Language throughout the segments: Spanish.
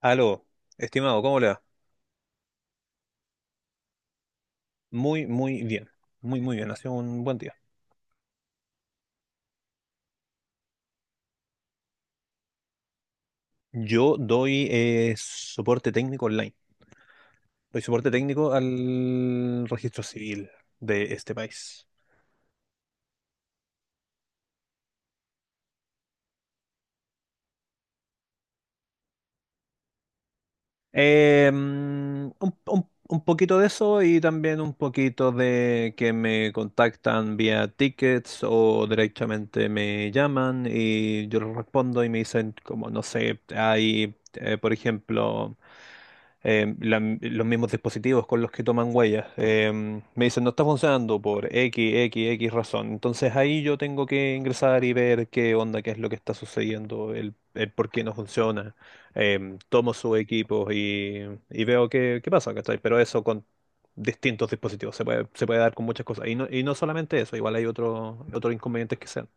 Aló, estimado, ¿cómo le va? Muy, muy bien. Muy, muy bien. Ha sido un buen día. Yo doy soporte técnico online. Doy soporte técnico al registro civil de este país. Eh, mm, un poquito de eso y también un poquito de que me contactan vía tickets o directamente me llaman y yo les respondo y me dicen como, no sé, hay, por ejemplo, los mismos dispositivos con los que toman huellas. Me dicen, no está funcionando por X, X, X razón. Entonces ahí yo tengo que ingresar y ver qué onda, qué es lo que está sucediendo, el por qué no funciona. Tomo sus equipos y veo qué pasa, ¿cachai? Pero eso con distintos dispositivos, se puede dar con muchas cosas. Y no solamente eso, igual hay otros inconvenientes que sean.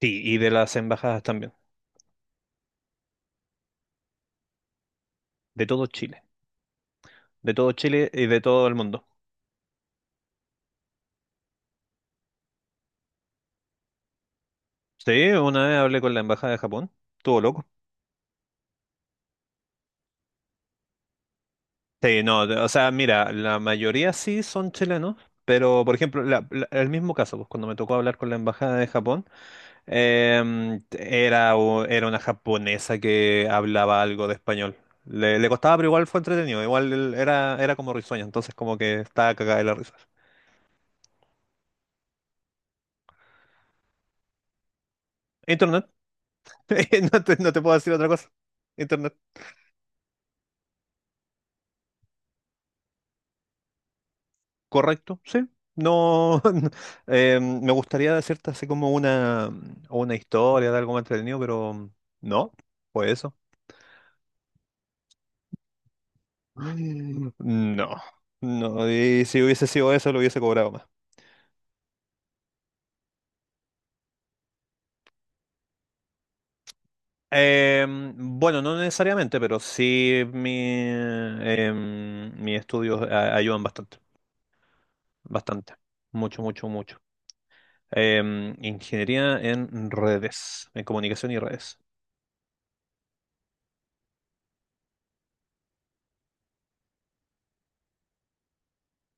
Sí, y de las embajadas también, de todo Chile, de todo Chile y de todo el mundo. Sí, una vez hablé con la embajada de Japón, estuvo loco. Sí, no, o sea, mira, la mayoría sí son chilenos, pero por ejemplo, el mismo caso, pues cuando me tocó hablar con la embajada de Japón. Era una japonesa que hablaba algo de español. Le costaba, pero igual fue entretenido. Igual él era como risueño, entonces como que estaba cagada de la risa. Internet. No te, no te puedo decir otra cosa. Internet. Correcto, sí. No, no, me gustaría decirte así como una historia de algo más entretenido, pero no, fue eso. Mm. No, no. Y si hubiese sido eso, lo hubiese cobrado. Bueno, no necesariamente, pero sí mis estudios ayudan bastante, bastante, mucho, mucho, mucho. Ingeniería en redes, en comunicación y redes.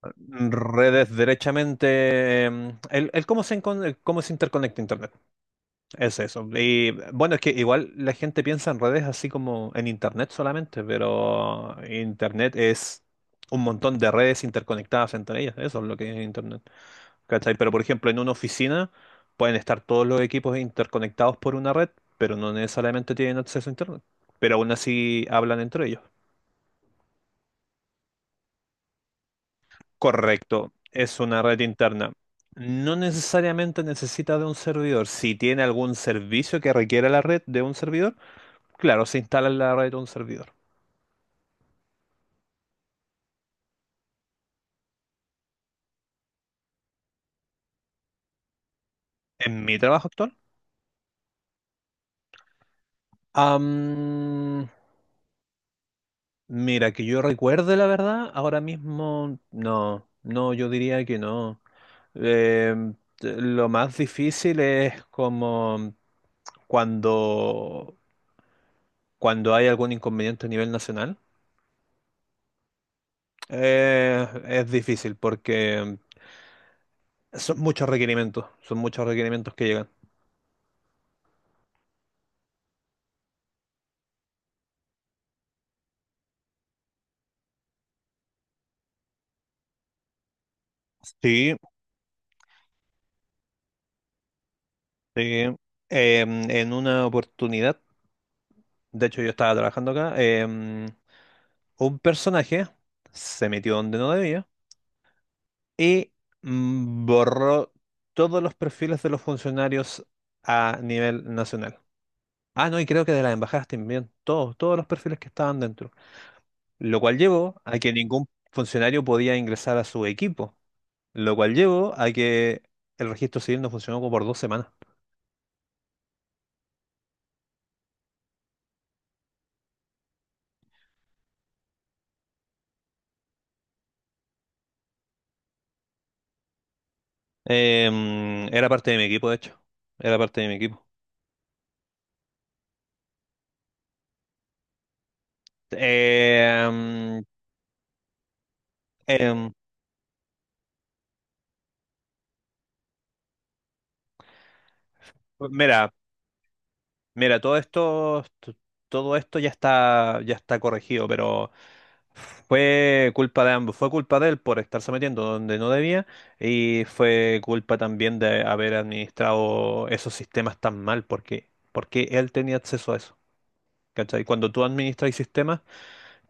Redes, derechamente, el cómo se interconecta Internet, es eso. Y bueno, es que igual la gente piensa en redes así como en Internet solamente, pero Internet es un montón de redes interconectadas entre ellas, eso es lo que es Internet. ¿Cachai? Pero por ejemplo, en una oficina pueden estar todos los equipos interconectados por una red, pero no necesariamente tienen acceso a Internet. Pero aún así hablan entre ellos. Correcto, es una red interna. No necesariamente necesita de un servidor. Si tiene algún servicio que requiera la red de un servidor, claro, se instala en la red de un servidor. En mi trabajo actual. Am, Mira, que yo recuerde la verdad, ahora mismo no, no, yo diría que no. Eh, lo más difícil es como cuando, hay algún inconveniente a nivel nacional. Es difícil porque son muchos requerimientos que llegan. Sí, sí. En una oportunidad, de hecho yo estaba trabajando acá, un personaje se metió donde no debía. Y borró todos los perfiles de los funcionarios a nivel nacional. Ah, no, y creo que de las embajadas también, todos, todos los perfiles que estaban dentro, lo cual llevó a que ningún funcionario podía ingresar a su equipo, lo cual llevó a que el registro civil no funcionó como por 2 semanas. Era parte de mi equipo, de hecho, era parte de mi equipo. Em, em, mira, mira, todo esto, todo esto ya está corregido. Pero fue culpa de ambos, fue culpa de él por estarse metiendo donde no debía y fue culpa también de haber administrado esos sistemas tan mal porque él tenía acceso a eso. ¿Cachai? Cuando tú administras sistemas,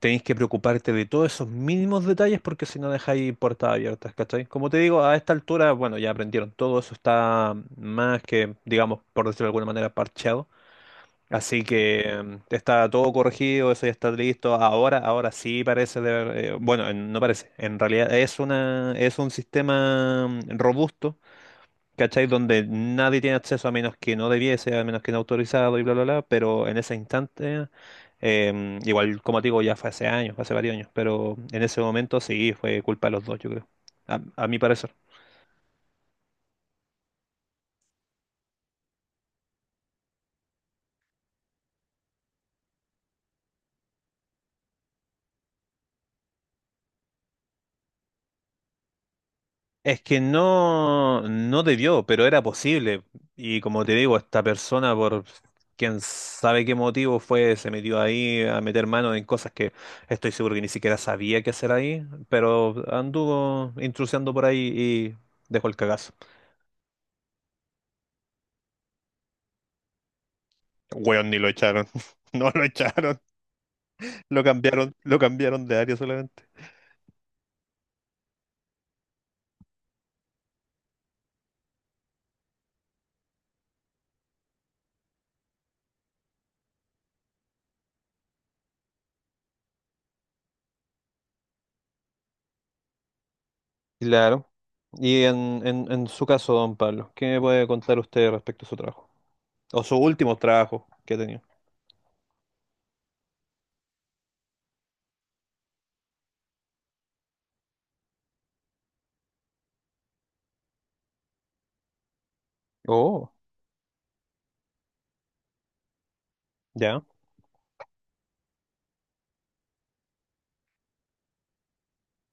tenéis que preocuparte de todos esos mínimos detalles porque si no dejáis puertas abiertas, ¿cachai? Como te digo, a esta altura, bueno, ya aprendieron, todo eso está más que, digamos, por decirlo de alguna manera, parcheado. Así que está todo corregido, eso ya está listo. Ahora sí parece bueno, no parece. En realidad es un sistema robusto, ¿cachai? Donde nadie tiene acceso a menos que no debiese, a menos que no autorizado y bla, bla, bla. Pero en ese instante, igual como te digo, ya fue hace años, fue hace varios años, pero en ese momento sí fue culpa de los dos, yo creo. A mi parecer. Es que no, no debió, pero era posible. Y como te digo, esta persona, por quién sabe qué motivo fue, se metió ahí a meter mano en cosas que estoy seguro que ni siquiera sabía qué hacer ahí, pero anduvo intrusiando por ahí y dejó el cagazo. Weón, ni lo echaron. No lo echaron. Lo cambiaron de área solamente. Claro. Y en su caso, don Pablo, ¿qué me puede contar usted respecto a su trabajo? O sus últimos trabajos que ha tenido. Oh, ya.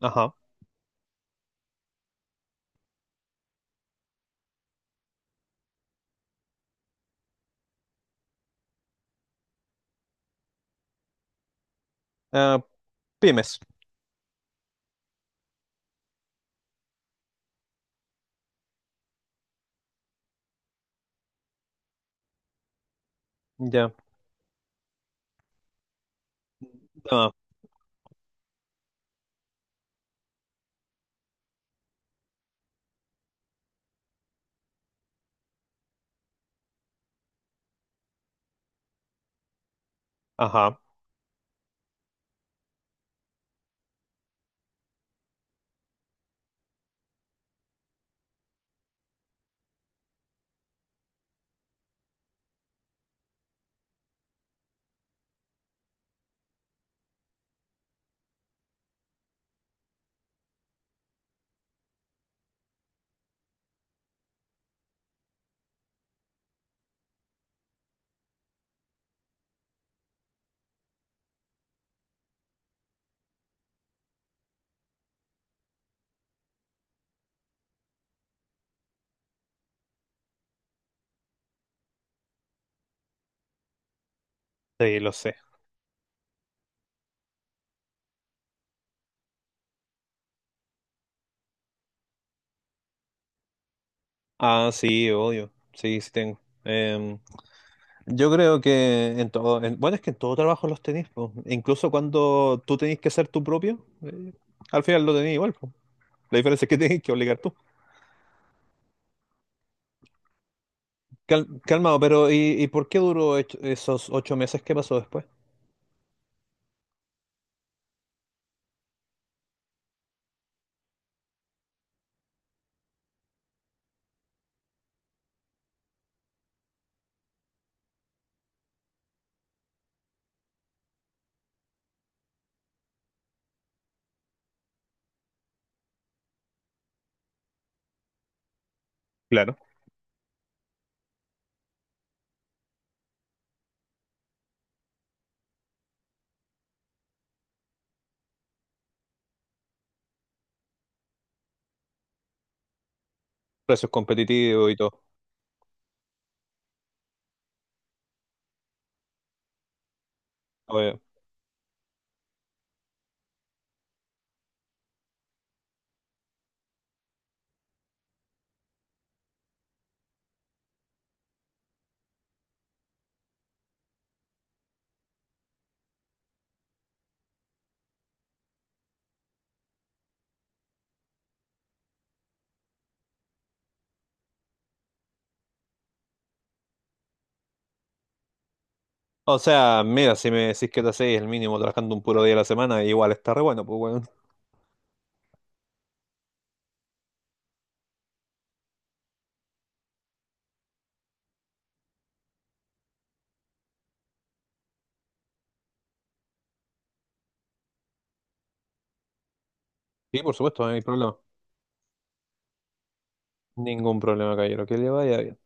Ajá. Ah, pymes. Ya. Ah, ajá. Sí, lo sé. Ah, sí, obvio. Sí, sí tengo. Yo creo que en todo, bueno, es que en todo trabajo los tenéis, po. Incluso cuando tú tenés que ser tu propio, al final lo tenés igual, po. La diferencia es que tenés que obligar tú. Calmado, pero ¿y por qué duró esos 8 meses? ¿Qué pasó después? Claro. Precios competitivos y todo. Obvio. O sea, mira, si me decís que te hacéis el mínimo trabajando un puro día a la semana, igual está re bueno, pues bueno. Sí, por supuesto, no hay problema. Ningún problema, caballero. Que le vaya bien.